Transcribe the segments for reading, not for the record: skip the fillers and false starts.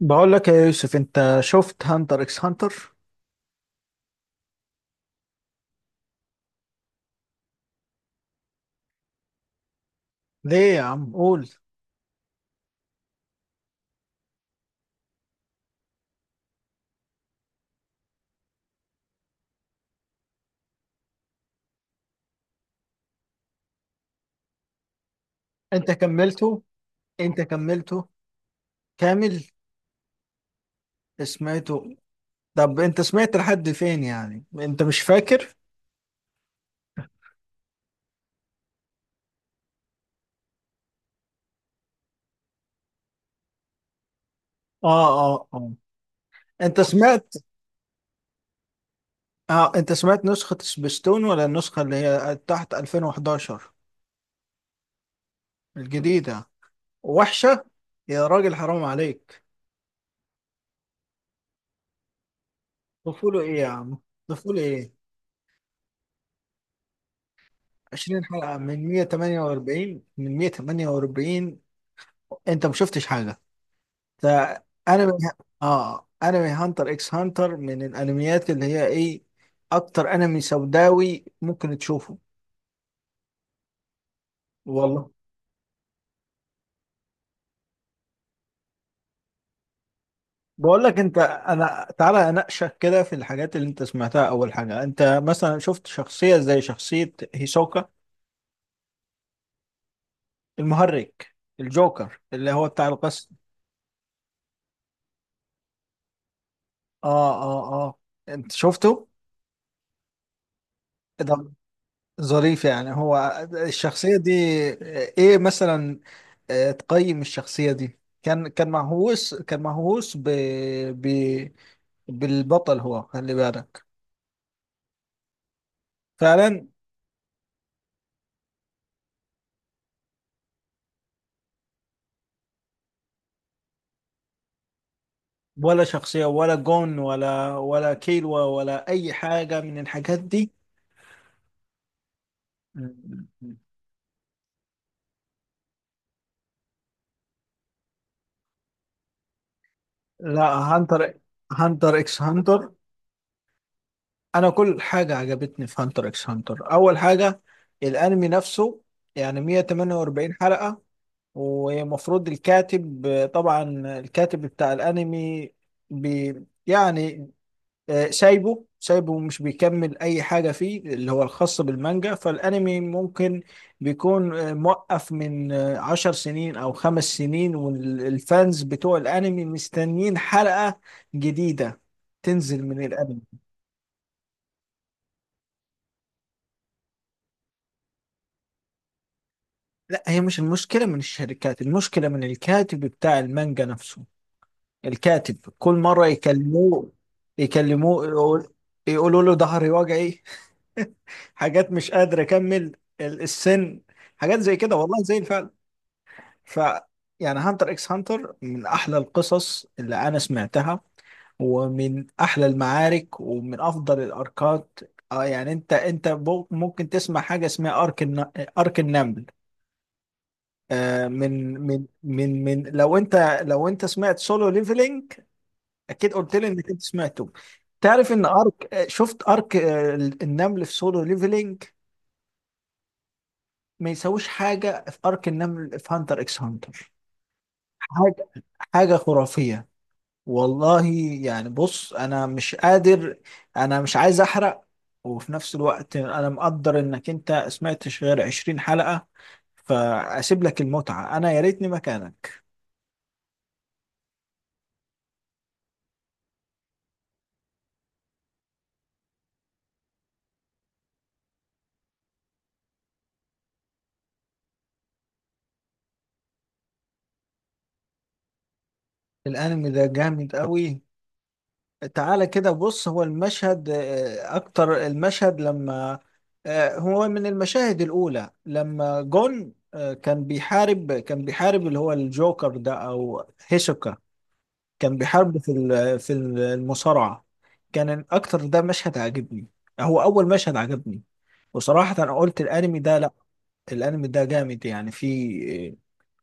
بقول لك يا يوسف، انت شفت هانتر اكس هانتر؟ ليه يا عم؟ قول. انت كملته انت كملته كامل؟ سمعته؟ طب انت سمعت لحد فين؟ يعني انت مش فاكر؟ اه، اه، اه، انت سمعت؟ اه، انت سمعت نسخة سبيستون ولا النسخة اللي هي تحت 2011؟ الجديدة؟ وحشة. يا راجل حرام عليك. طفوله ايه يا عم؟ طفوله ايه؟ 20 حلقة من 148 انت ما شفتش حاجة فانمي. اه انمي هانتر اكس هانتر من الانميات اللي هي ايه؟ اكتر انمي سوداوي ممكن تشوفه. والله. بقول لك انت، انا تعالى اناقشك كده في الحاجات اللي انت سمعتها. اول حاجه، انت مثلا شفت شخصيه زي شخصيه هيسوكا؟ المهرج، الجوكر اللي هو بتاع القصر؟ اه، اه، اه، انت شفته؟ إيه ده؟ ظريف يعني هو الشخصية دي؟ ايه مثلا؟ تقيم الشخصية دي، كان مهووس ب... ب... بالبطل، هو خلي بالك. فعلا. ولا شخصية؟ ولا جون ولا كيلو ولا أي حاجة من الحاجات دي؟ لا هانتر، هانتر اكس هانتر. انا كل حاجه عجبتني في هانتر اكس هانتر. اول حاجه الانمي نفسه، يعني 148 حلقه. ومفروض الكاتب، طبعا الكاتب بتاع الانمي بي، يعني سايبه سايبه ومش بيكمل اي حاجه فيه اللي هو الخاص بالمانجا. فالانمي ممكن بيكون موقف من 10 سنين او 5 سنين، والفانز بتوع الانمي مستنيين حلقه جديده تنزل من الانمي. لا هي مش المشكله من الشركات، المشكله من الكاتب بتاع المانجا نفسه. الكاتب كل مرة يكلموه يقول، يقولوا له ظهري وجعي، حاجات مش قادر أكمل، ال- السن، حاجات زي كده والله زي الفعل. ف، يعني هانتر اكس هانتر من أحلى القصص اللي أنا سمعتها، ومن أحلى المعارك، ومن أفضل الأركات. آه يعني أنت بو- ممكن تسمع حاجة اسمها أرك الن- أرك النمل. من لو أنت، لو أنت سمعت سولو ليفلينج، اكيد قلت لي انك انت سمعته. تعرف ان ارك، شفت ارك النمل في سولو ليفلينج؟ ما يساويش حاجه في ارك النمل في هانتر اكس هانتر. حاجه، حاجه خرافيه والله. يعني بص انا مش قادر، انا مش عايز احرق. وفي نفس الوقت انا مقدر انك انت سمعتش غير 20 حلقه، فاسيب لك المتعه، انا يا ريتني مكانك. الانمي ده جامد قوي. تعالى كده بص، هو المشهد اكتر المشهد لما، هو من المشاهد الاولى لما جون كان بيحارب اللي هو الجوكر ده او هيسوكا، كان بيحاربه في ال- في المصارعة. كان اكتر ده مشهد عجبني، هو اول مشهد عجبني. وصراحة انا قلت الانمي ده، لا الانمي ده جامد يعني. في،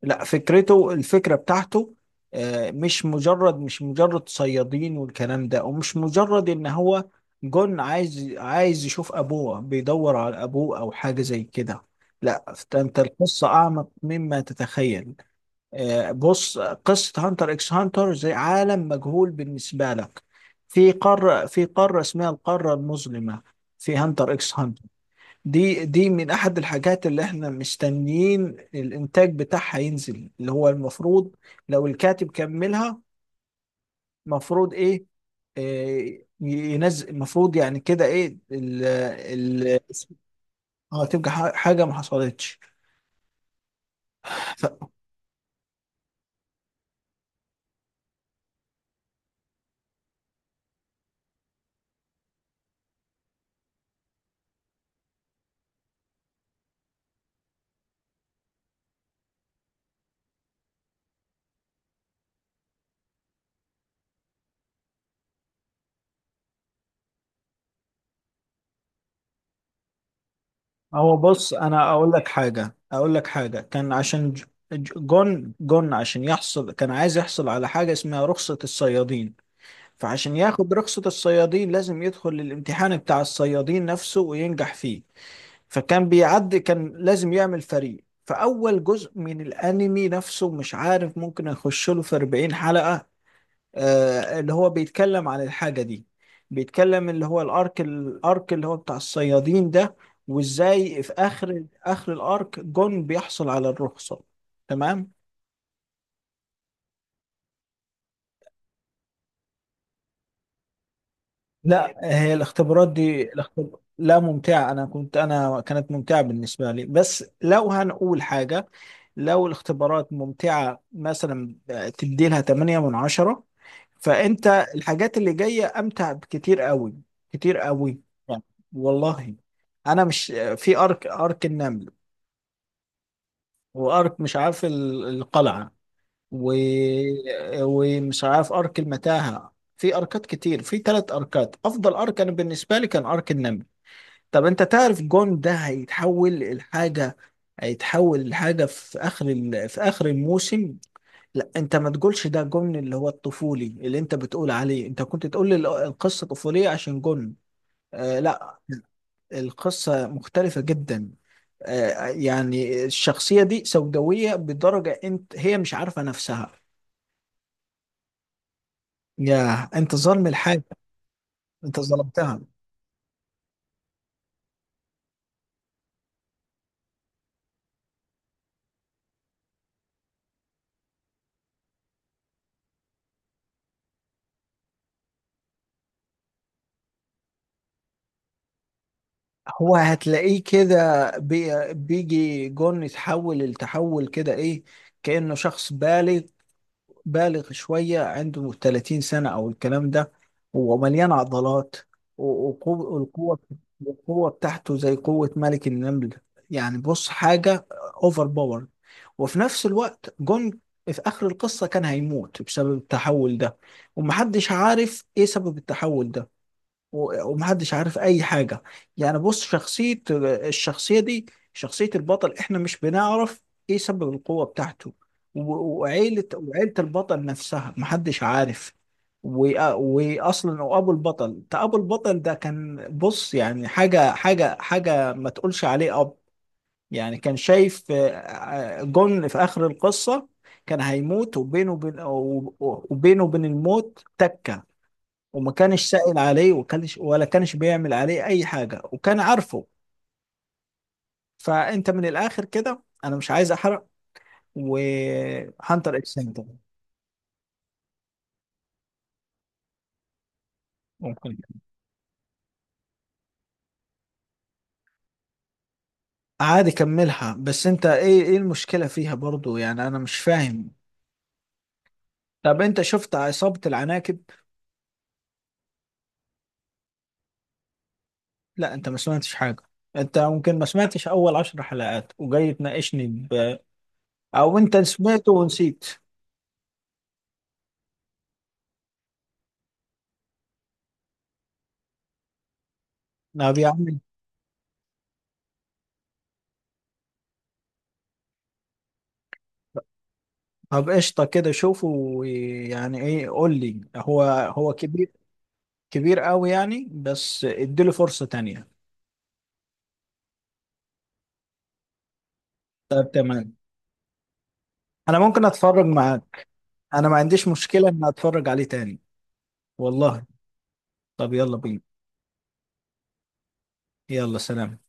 لا فكرته، الفكرة بتاعته، مش مجرد صيادين والكلام ده، ومش مجرد ان هو جون عايز يشوف ابوه، بيدور على ابوه او حاجة زي كده. لا فت- انت القصة اعمق مما تتخيل. بص، قصة هانتر اكس هانتر زي عالم مجهول بالنسبة لك. في قارة، في قارة اسمها القارة المظلمة في هانتر اكس هانتر. دي من احد الحاجات اللي احنا مستنيين الانتاج بتاعها ينزل، اللي هو المفروض لو الكاتب كملها مفروض ايه, إيه ينزل، المفروض يعني كده ايه ال، ال، اه تبقى ح- حاجة ما حصلتش. ف- هو بص، انا اقول لك حاجة كان عشان ج- ج- جون عشان يحصل، كان عايز يحصل على حاجة اسمها رخصة الصيادين. فعشان ياخد رخصة الصيادين لازم يدخل الامتحان بتاع الصيادين نفسه وينجح فيه. فكان بيعدي، كان لازم يعمل فريق. فأول جزء من الأنمي نفسه، مش عارف، ممكن أخش له في 40 حلقة، آه اللي هو بيتكلم عن الحاجة دي، بيتكلم اللي هو الأرك اللي هو بتاع الصيادين ده، وإزاي في آخر آخر الأرك جون بيحصل على الرخصة. تمام. لا هي الاختبارات دي الاختب... لا ممتعة. أنا كانت ممتعة بالنسبة لي. بس لو هنقول حاجة، لو الاختبارات ممتعة مثلا تديلها 8 من 10، فأنت الحاجات اللي جاية أمتع بكتير قوي، كتير قوي. يعني والله أنا مش، في أرك، أرك النمل، وأرك مش عارف ال- القلعة، و... ومش عارف أرك المتاهة، في أركات كتير، في 3 أركات أفضل أرك أنا بالنسبة لي كان أرك النمل. طب انت تعرف جون ده هيتحول لحاجة؟ هيتحول لحاجة في اخر ال... في اخر الموسم. لا انت ما تقولش ده جون اللي هو الطفولي اللي انت بتقول عليه، انت كنت تقول لي ال- القصة طفولية عشان جون. آه لا القصة مختلفة جدا. آه يعني الشخصية دي سوداوية بدرجة انت هي مش عارفة نفسها. يا انت ظالم الحاجة، انت ظلمتها. هو هتلاقيه كده بي، بيجي جون يتحول التحول كده ايه، كأنه شخص بالغ، بالغ شوية عنده 30 سنة او الكلام ده، ومليان عضلات، و- وقو- والقوة، القوة بتاعته زي قوة ملك النمل. يعني بص حاجة اوفر باور. وفي نفس الوقت جون في آخر القصة كان هيموت بسبب التحول ده، ومحدش عارف ايه سبب التحول ده، و- ومحدش عارف اي حاجه. يعني بص شخصيه، الشخصيه دي، شخصيه البطل، احنا مش بنعرف ايه سبب القوه بتاعته. و- وعيله البطل نفسها محدش عارف. و- واصلا وابو البطل ده، ابو البطل ده كان بص، يعني حاجه، حاجه ما تقولش عليه اب. يعني كان شايف جون في اخر القصه كان هيموت، وبينه وبين، وبينه وبين الموت تكه، وما كانش سائل عليه، وكانش ولا كانش بيعمل عليه اي حاجه، وكان عارفه. فانت من الاخر كده انا مش عايز احرق. وهانتر اكس هانتر، ممكن. عادي كملها، بس انت ايه، المشكله فيها برضو؟ يعني انا مش فاهم. طب انت شفت عصابه العناكب؟ لا انت ما سمعتش حاجه، انت ممكن ما سمعتش اول 10 حلقات وجاي تناقشني ب... او انت سمعته ونسيت. طب يا عم، طب قشطه كده شوفه، ويعني ايه قول لي، هو هو كبير، كبير قوي يعني. بس اديله فرصة تانية. طب تمام، انا ممكن اتفرج معاك. انا ما عنديش مشكلة ان اتفرج عليه تاني. والله. طب يلا بينا. يلا سلام.